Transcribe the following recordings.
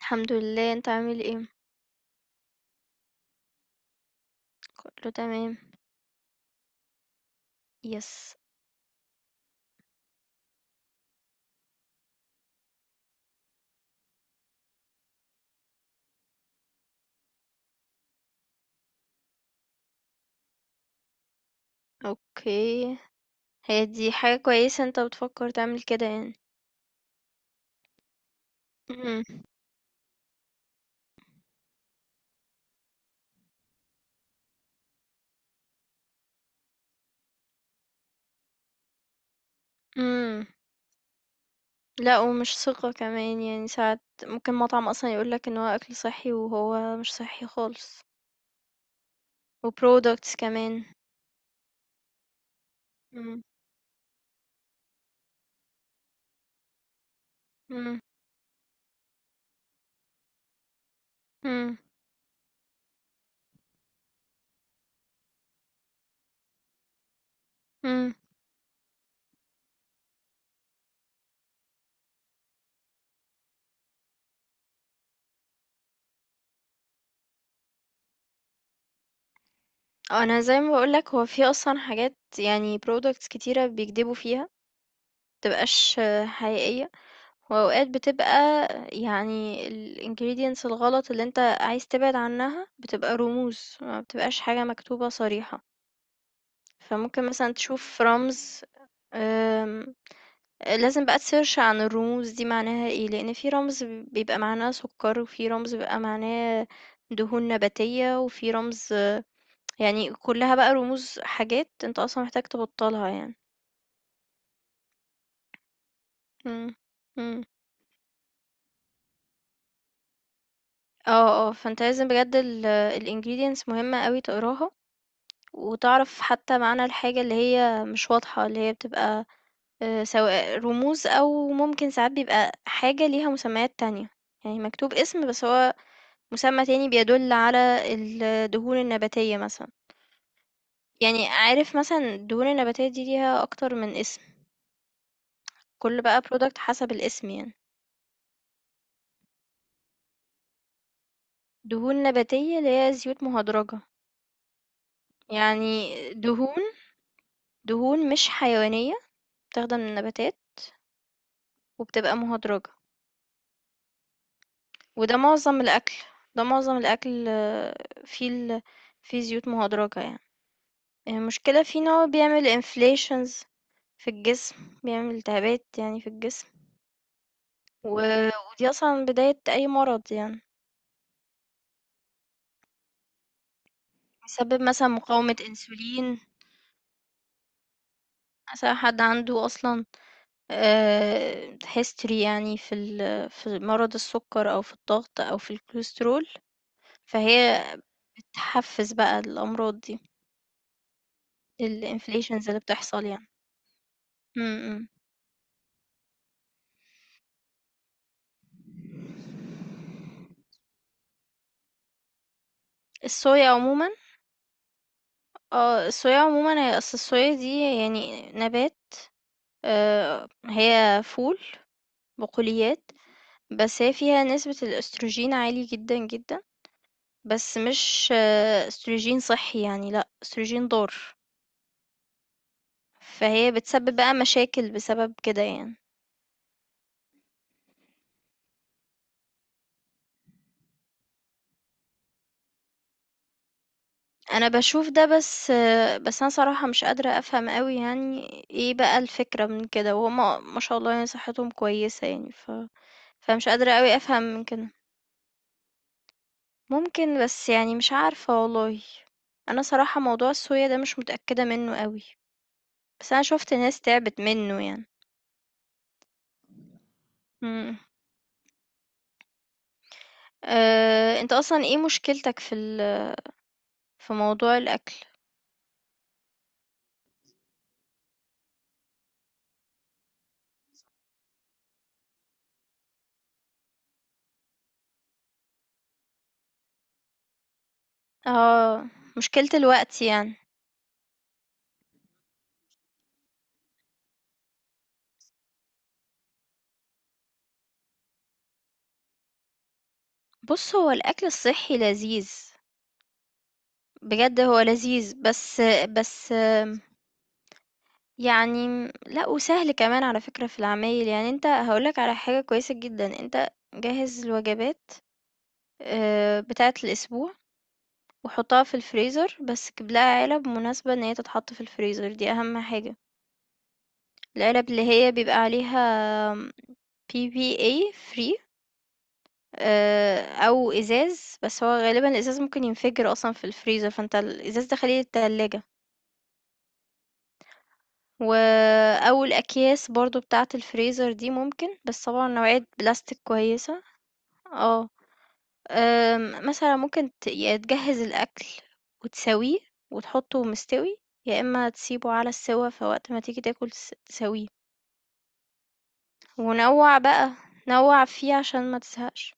الحمد لله. انت عامل ايه؟ كله تمام. يس. اوكي. هي دي حاجة كويسة انت بتفكر تعمل كده يعني. امم. امم. لا ومش ثقة كمان يعني ساعات ممكن مطعم اصلا يقولك ان هو اكل صحي وهو مش صحي خالص. وبرودكتس كمان. امم. امم. امم. امم. انا زي ما بقولك هو في اصلا حاجات يعني برودكتس كتيرة بيكذبوا فيها متبقاش حقيقية. وأوقات بتبقى يعني ال ingredients الغلط اللي أنت عايز تبعد عنها بتبقى رموز، ما بتبقاش حاجة مكتوبة صريحة، فممكن مثلًا تشوف رمز. آمم، لازم بقى تsearch عن الرموز دي معناها إيه، لأن في رمز بيبقى معناه سُكّر، وفي رمز بيبقى معناه دهون نباتية، وفي رمز يعني كلّها بقى رموز حاجات أنت أصلًا محتاج تبطّلها يعني. إمم. إمم. فأنت لازم بجد الingredients مهمة أوي تقراها، وتعرف حتى معنى الحاجة اللي هي مش واضحة اللي هي بتبقى سواء رموز أو ممكن ساعات بيبقى حاجة ليها مسميات تانية، يعني مكتوب اسم بس هو مسمى تاني بيدل على الدهون النباتية مثلا. يعني عارف مثلا الدهون النباتية دي ليها أكتر من اسم. كل بقى برودكت حسب الاسم يعني. دهون نباتية اللي هي زيوت مهدرجة. يعني دهون مش حيوانية، بتاخدها من النباتات وبتبقى مهدرجة. وده معظم الأكل. ده معظم الأكل فيه فيه زيوت مهدرجة يعني. المشكلة فيه إن هو بيعمل inflations في الجسم، بيعمل التهابات يعني في الجسم. و... ودي أصلا بداية أي مرض يعني. بيسبب مثلا مقاومة أنسولين. مثلا حد عنده أصلا history يعني في في مرض السكر أو في الضغط أو في الكوليسترول. فهي بتحفز بقى الأمراض دي، الانفليشنز اللي بتحصل يعني. م- م. الصويا عمومًا. الصويا عمومًا هي أصل الصويا دي يعني نبات. هي فول، بقوليات. بس هي فيها نسبة الأستروجين عالي جدا جدا. بس مش أستروجين صحي يعني، لأ أستروجين ضار. فهي بتسبب بقى مشاكل بسبب كده يعني. أنا بشوف ده، بس أنا صراحة مش قادرة أفهم أوي يعني. ايه بقى الفكرة من كده وهما ما شاء الله يعني صحتهم كويسة يعني، فمش قادرة أوي أفهم من كده. ممكن، بس يعني مش عارفة والله. أنا صراحة موضوع الصويا ده مش متأكدة منّه أوي، بس أنا شُفت ناس تعبت منّه يعني. إمم. أنت أصلًا إيه مشكلتك في موضوع الأكل؟ آه. مشكلة الوقت يعني. بُص، هو الأكل الصحّي لذيذ، بجد هو لذيذ، بس يعني لأ، وسهل كمان على فكرة في العمايل. يعني أنت هاقول لك على حاجة كويسة جدًا، أنت جهّز الوجبات بتاعة الأسبوع، وأحطها في الفريزر، بس أجيب لها علب مناسبة إن هي تتحط في الفريزر، دي أهم حاجة. العلب اللي هي بيبقى عليها PPA free، أو إزاز، بس هو غالبًا الإزاز ممكن ينفجر أصلًا في الفريزر، فأنت الإزاز ده خليه للتلاجة. و أو الأكياس برضه بتاعة الفريزر دي ممكن، بس طبعًا نوعية بلاستيك كويسة. آه. مثلًا ممكن يا تجهّز الأكل وتساويه وتحطّه مستوي، يا إمّا تسيبه على السِوَّة فوقت ما تيجي تاكل تساويه، ونوّع بقى، نوّع فيه عشان ما تزهقش.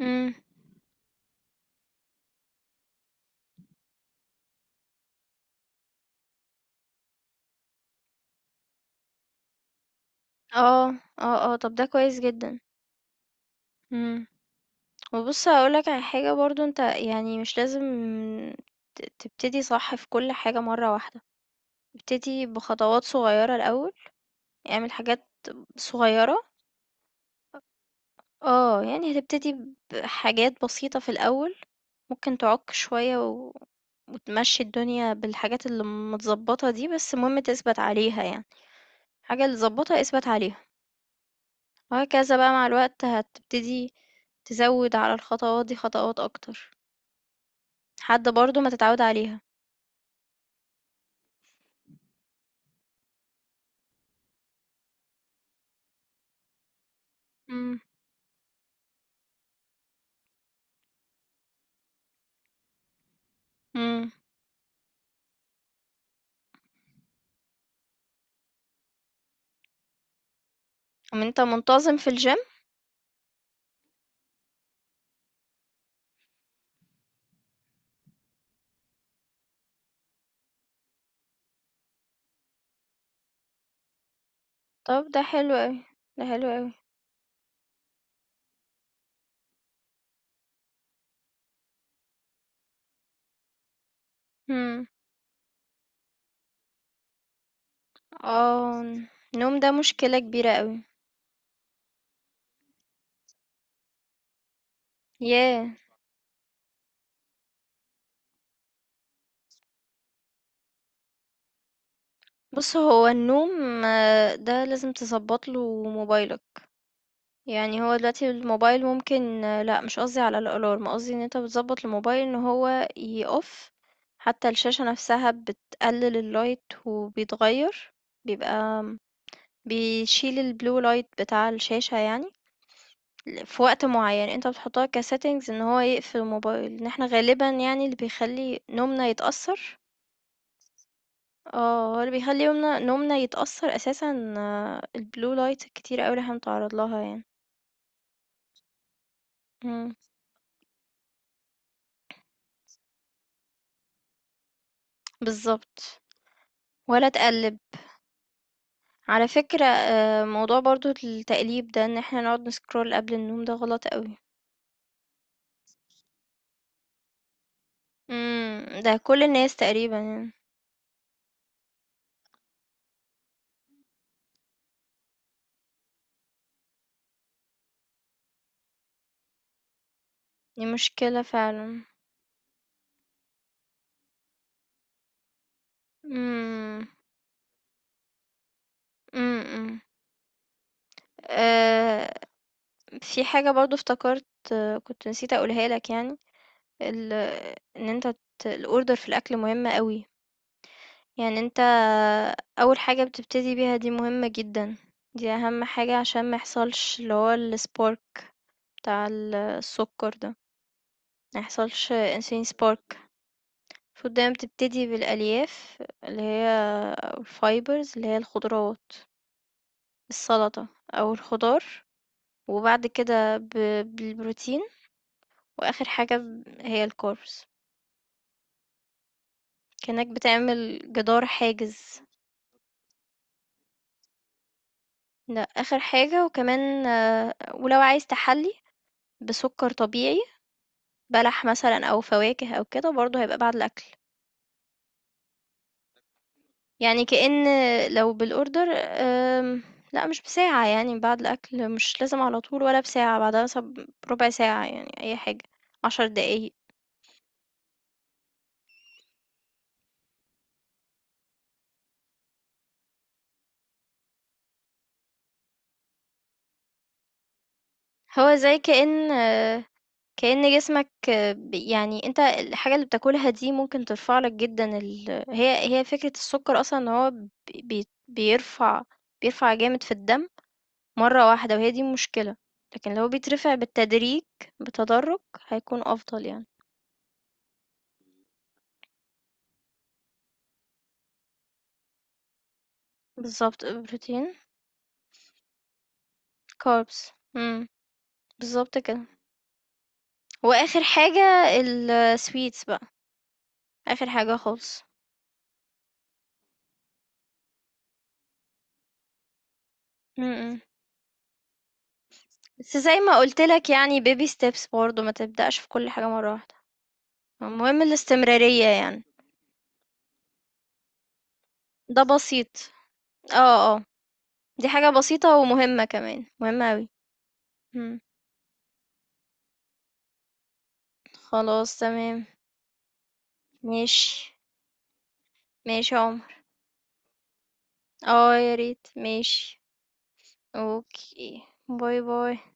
إمم. آه، طَب ده كويس جدًا. إمم. وبُص هاقول لك على حاجة برضه، أنت يعني مش لازم تبتدي صح في كل حاجة مرّة واحدة، ابتدي بخطوات صغيّرة الأول، اعمل حاجات صغيّرة. يعني هتبتدي بحاجات بسيطة في الأول، ممكن تعُك شوية وتمشّي الدنيا بالحاجات اللي متضبّطة دي، بس المهم تثبَت عليها يعني، الحاجة اللي اتضبّطة اثبَت عليها، وهكذا بقى مع الوقت هتبتدي تزوّد على الخطوات دي خطوات أكتر، لحد برضه ما تتعوّد عليها. إمم. إمم. طَب أنت منتظم في الgym؟ طَب ده حلو أوي، ده حلو أوي. إمم. آه، النوم ده مشكلة كبيرة أوي. ياه! بُص هو النوم ده لازم تضبّط له موبايلك. يعني هو دلوقتي الموبايل ممكن، لأ مش قصدي على الألارم، قصدي إن أنت بتضبّط الموبايل إن هو يoff حتى الشاشة نفسها، بتقلل الlight وبيتغيّر، بيبقى بيشيل الblue light بتاع الشاشة يعني في وقت معيّن، أنت بتحطها كsettings إن هو يقفل الموبايل، إن إحنا غالبًا يعني اللي بيخلّي نومنا يتأثّر. هو اللي بيخلّي نومنا يتأثّر أساسًا، الblue light الكتيرة أوي اللي إحنا بنتعرّض لها يعني. إمم. بالضبط، ولا تقلّب. على فكرة، موضوع برضو التقليب ده ان احنا نقعد نسكرول قبل النوم ده غلط قوي. ده كل الناس تقريبا يعني. دي مشكلة فعلا. امم. امم. أه في حاجة برضو افتكرت، كنت نسيت اقولها لك يعني. ال ان انت ت- الاوردر في الاكل مهمة قوي. يعني انت اول حاجة بتبتدي بيها دي مهمة جدا، دي اهم حاجة عشان ما يحصلش اللي هو السبارك بتاع السكر ده، ما يحصلش insulin spark. المفروض دايمًا بتبتدي بالألياف اللي هي، أو الfibers اللي هي الخضروات، السلطة أو الخضار، وبعد كده بالبروتين، وآخر حاجة هي الcarbs، كأنك بتعمل جدار حاجز، ده آخر حاجة. وكمان ولو عايز تحلي بسكر طبيعي، بلح مثلًا أو فواكه أو كده، برضه هيبقى بعد الأكل. يعني كأن لو بالorder، لأ مش بساعة يعني بعد الأكل، مش لازم على طول ولا بساعة، بعدها مثلًا بربع ساعة يعني، أي حاجة، 10 دقايق. هو زي كأن جسمك، يعني أنت الحاجة اللي بتاكلها دي ممكن ترفع لك جدًا ال هي هي فكرة السكر أصلًا، إن هو ب بي بيرفع بيرفع جامد في الدم مرة واحدة، وهي دي المشكلة. لكن لو بيترفع بالتدريج بتدرج هيكون أفضل يعني. بالضبط، بروتين. carbs. امم. بالضبط كده. وآخر حاجة الsweets بقى، آخر حاجة خالص. إمم. إمم. بس زي ما قُلت لك يعني baby steps برضه، ما تبدأش في كل حاجة مرّة واحدة. المهم الاستمرارية يعني، ده بسيط. آه، آه. دي حاجة بسيطة ومهمة كمان، مهمة أوي. إمم. خلاص تمام، ماشي، ماشي يا عمر. يا ريت، ماشي. أوكي، باي، باي.